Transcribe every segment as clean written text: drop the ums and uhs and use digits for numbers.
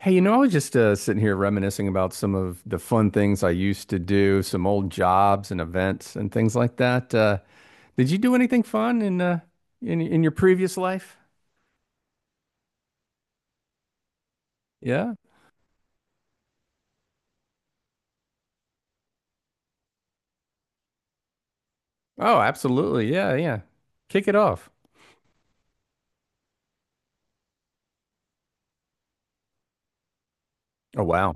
Hey, you know, I was just sitting here reminiscing about some of the fun things I used to do, some old jobs and events and things like that. Did you do anything fun in in your previous life? Yeah. Oh, absolutely. Yeah, yeah. Kick it off. Oh, wow.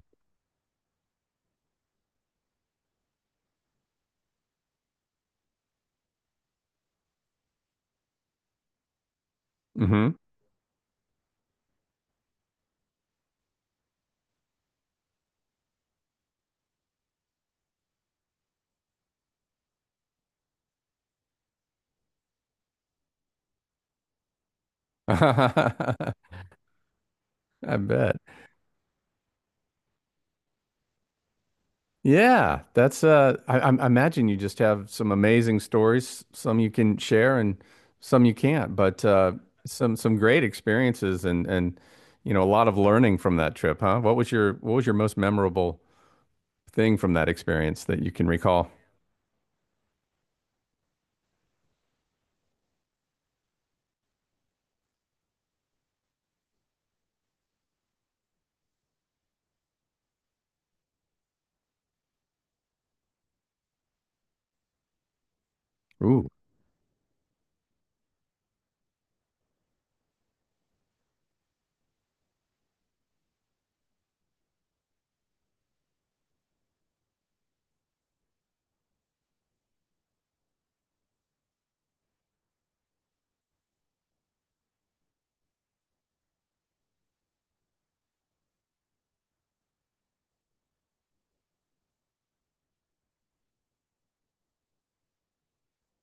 Mm-hmm. I bet. Yeah, that's I imagine you just have some amazing stories, some you can share and some you can't, but some great experiences and and a lot of learning from that trip, huh? What was your most memorable thing from that experience that you can recall? Ooh.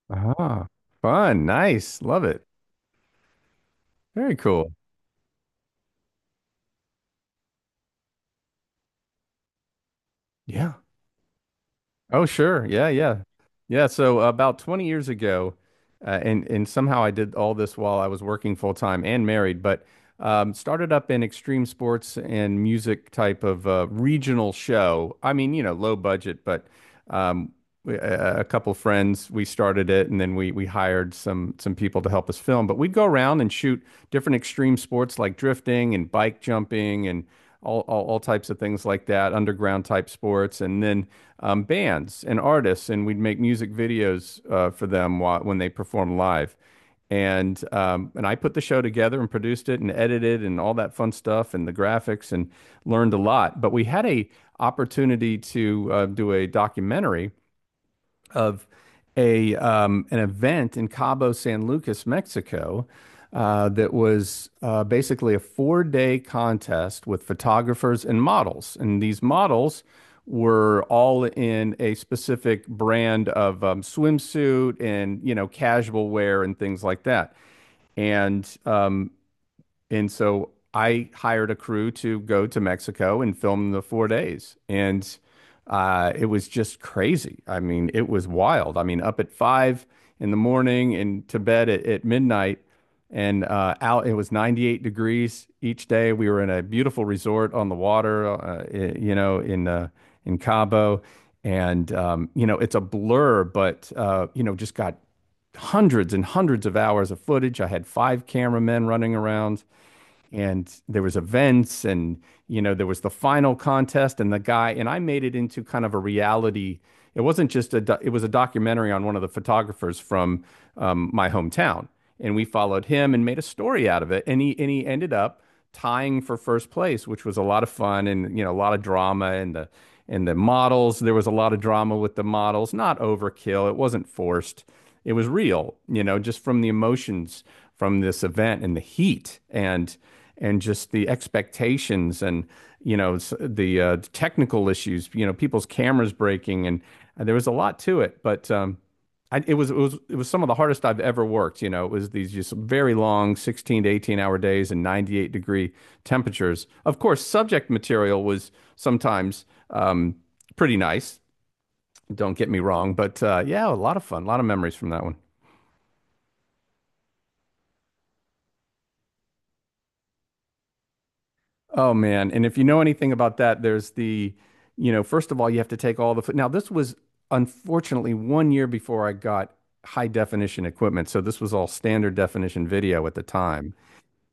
Ah, fun, nice, love it. Very cool. Yeah. Oh, sure. Yeah, yeah. Yeah, so about 20 years ago, and somehow I did all this while I was working full time and married, but started up in extreme sports and music type of regional show. I mean, you know, low budget, but um, we, a couple friends we started it, and then we hired some people to help us film, but we'd go around and shoot different extreme sports like drifting and bike jumping and all types of things like that, underground type sports. And then bands and artists, and we'd make music videos for them when they perform live. And I put the show together and produced it and edited and all that fun stuff and the graphics, and learned a lot. But we had a opportunity to do a documentary of a an event in Cabo San Lucas, Mexico, that was basically a 4 day contest with photographers and models, and these models were all in a specific brand of swimsuit, and you know, casual wear and things like that. And um, and so I hired a crew to go to Mexico and film the 4 days. And it was just crazy. I mean, it was wild. I mean, up at five in the morning and to bed at midnight. And it was 98 degrees each day. We were in a beautiful resort on the water, you know, in Cabo. And you know, it's a blur, but you know, just got hundreds and hundreds of hours of footage. I had five cameramen running around, and there was events, and you know, there was the final contest, and the guy and I made it into kind of a reality. It wasn't just a it was a documentary on one of the photographers from my hometown, and we followed him and made a story out of it, and he ended up tying for first place, which was a lot of fun. And you know, a lot of drama, and the models. There was a lot of drama with the models, not overkill. It wasn't forced. It was real, you know, just from the emotions from this event and the heat and just the expectations and you know the technical issues. You know, people's cameras breaking, and there was a lot to it, but I, it was it was some of the hardest I've ever worked. You know, it was these just very long 16 to 18 hour days and 98-degree temperatures. Of course, subject material was sometimes um, pretty nice. Don't get me wrong, but yeah, a lot of fun, a lot of memories from that one. Oh man! And if you know anything about that, there's you know, first of all, you have to take all the. Now this was unfortunately 1 year before I got high definition equipment, so this was all standard definition video at the time.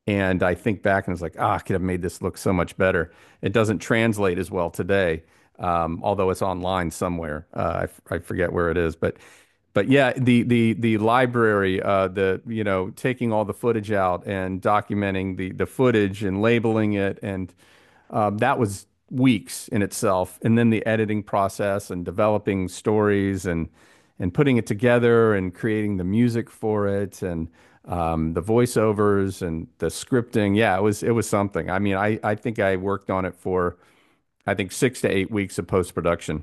And I think back and it's like, ah, I could have made this look so much better. It doesn't translate as well today, although it's online somewhere. I forget where it is, but yeah, the library, the, you know, taking all the footage out and documenting the footage and labeling it, and that was weeks in itself. And then the editing process and developing stories, and putting it together, and creating the music for it, and the voiceovers and the scripting. Yeah, it was something. I mean, I think I worked on it for I think 6 to 8 weeks of post production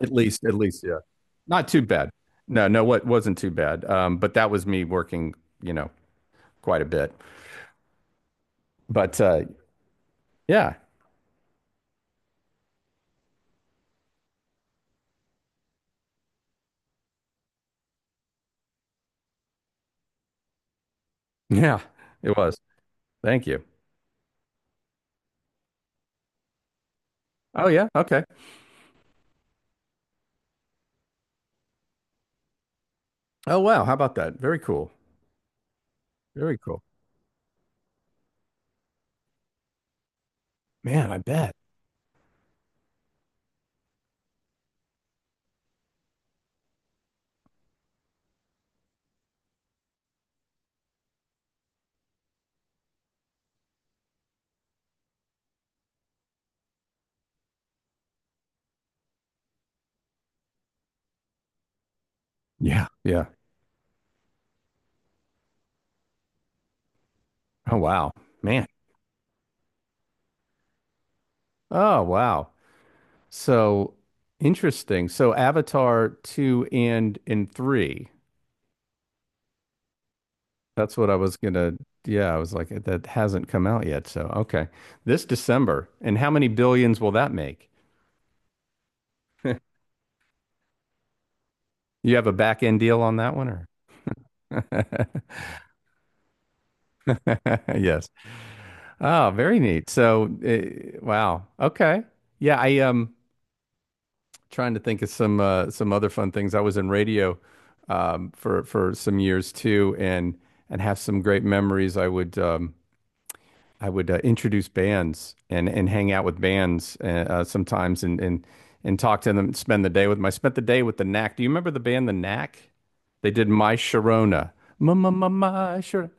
at least. At least, yeah, not too bad. No, no, what wasn't too bad. But that was me working, you know, quite a bit. But yeah, yeah, it was. Thank you. Oh yeah, okay. Oh wow, how about that? Very cool. Very cool. Man, I bet. Yeah. Yeah. Oh wow. Man. Oh wow. So interesting. So Avatar 2 and 3. That's what I was gonna yeah, I was like, that hasn't come out yet. So okay. This December. And how many billions will that make? You have a back end deal on that one or? Yes. Oh, very neat. Wow. Okay. Yeah, I trying to think of some other fun things. I was in radio for some years too, and have some great memories. I would introduce bands and hang out with bands sometimes and talk to them. Spend the day with them. I spent the day with the Knack. Do you remember the band the Knack? They did My Sharona. Ma ma ma ma Sharona.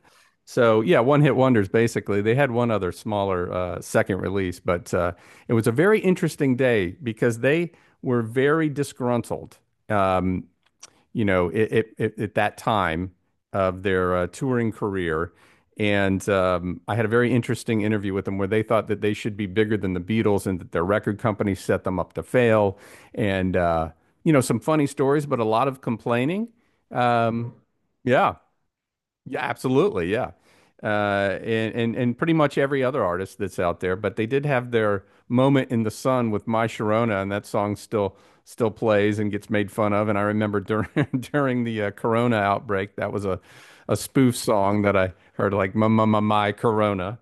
So yeah, one hit wonders basically. They had one other smaller second release, but it was a very interesting day because they were very disgruntled, um, you know, at that time of their touring career. And I had a very interesting interview with them, where they thought that they should be bigger than the Beatles, and that their record company set them up to fail. And, you know, some funny stories, but a lot of complaining. Um, yeah, yeah, absolutely. Yeah. And, and pretty much every other artist that's out there, but they did have their moment in the sun with My Sharona, and that song still plays and gets made fun of. And I remember during during the Corona outbreak, that was a spoof song that I heard like my Corona.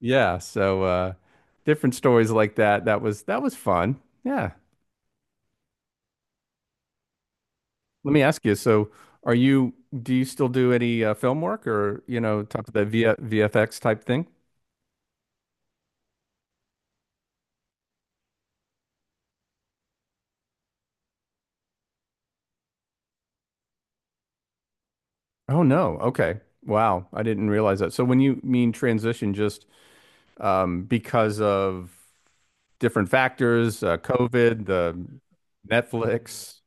Yeah, so different stories like that. That was fun. Yeah. Let me ask you. So, are you, do you still do any film work, or you know, type of the v VFX type thing? Oh no. Okay. Wow. I didn't realize that. So when you mean transition, just because of different factors, COVID, the Netflix.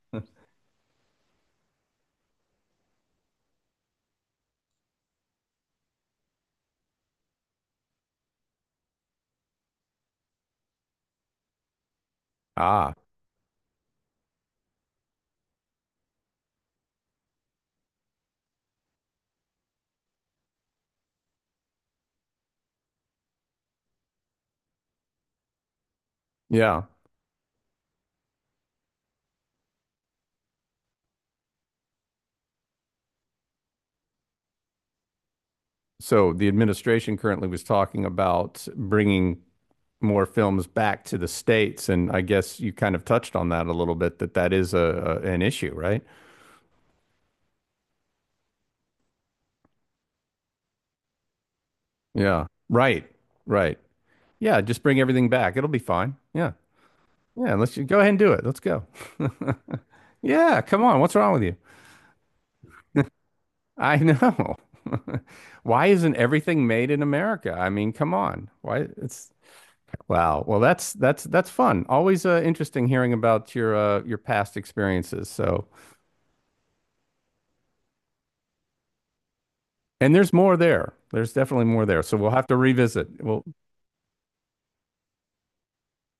Ah, yeah. So the administration currently was talking about bringing more films back to the States, and I guess you kind of touched on that a little bit, that that is a an issue, right? Yeah. Right. Right. Yeah. Just bring everything back. It'll be fine. Yeah. Yeah, go ahead and do it. Let's go. Yeah, come on. What's wrong with you? I know. Why isn't everything made in America? I mean, come on. Why it's wow. Well, that's fun. Always interesting hearing about your past experiences. So, and there's more there. There's definitely more there. So we'll have to revisit. We'll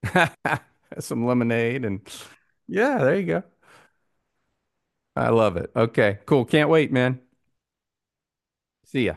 some lemonade and yeah, there you go. I love it. Okay, cool. Can't wait, man. See ya.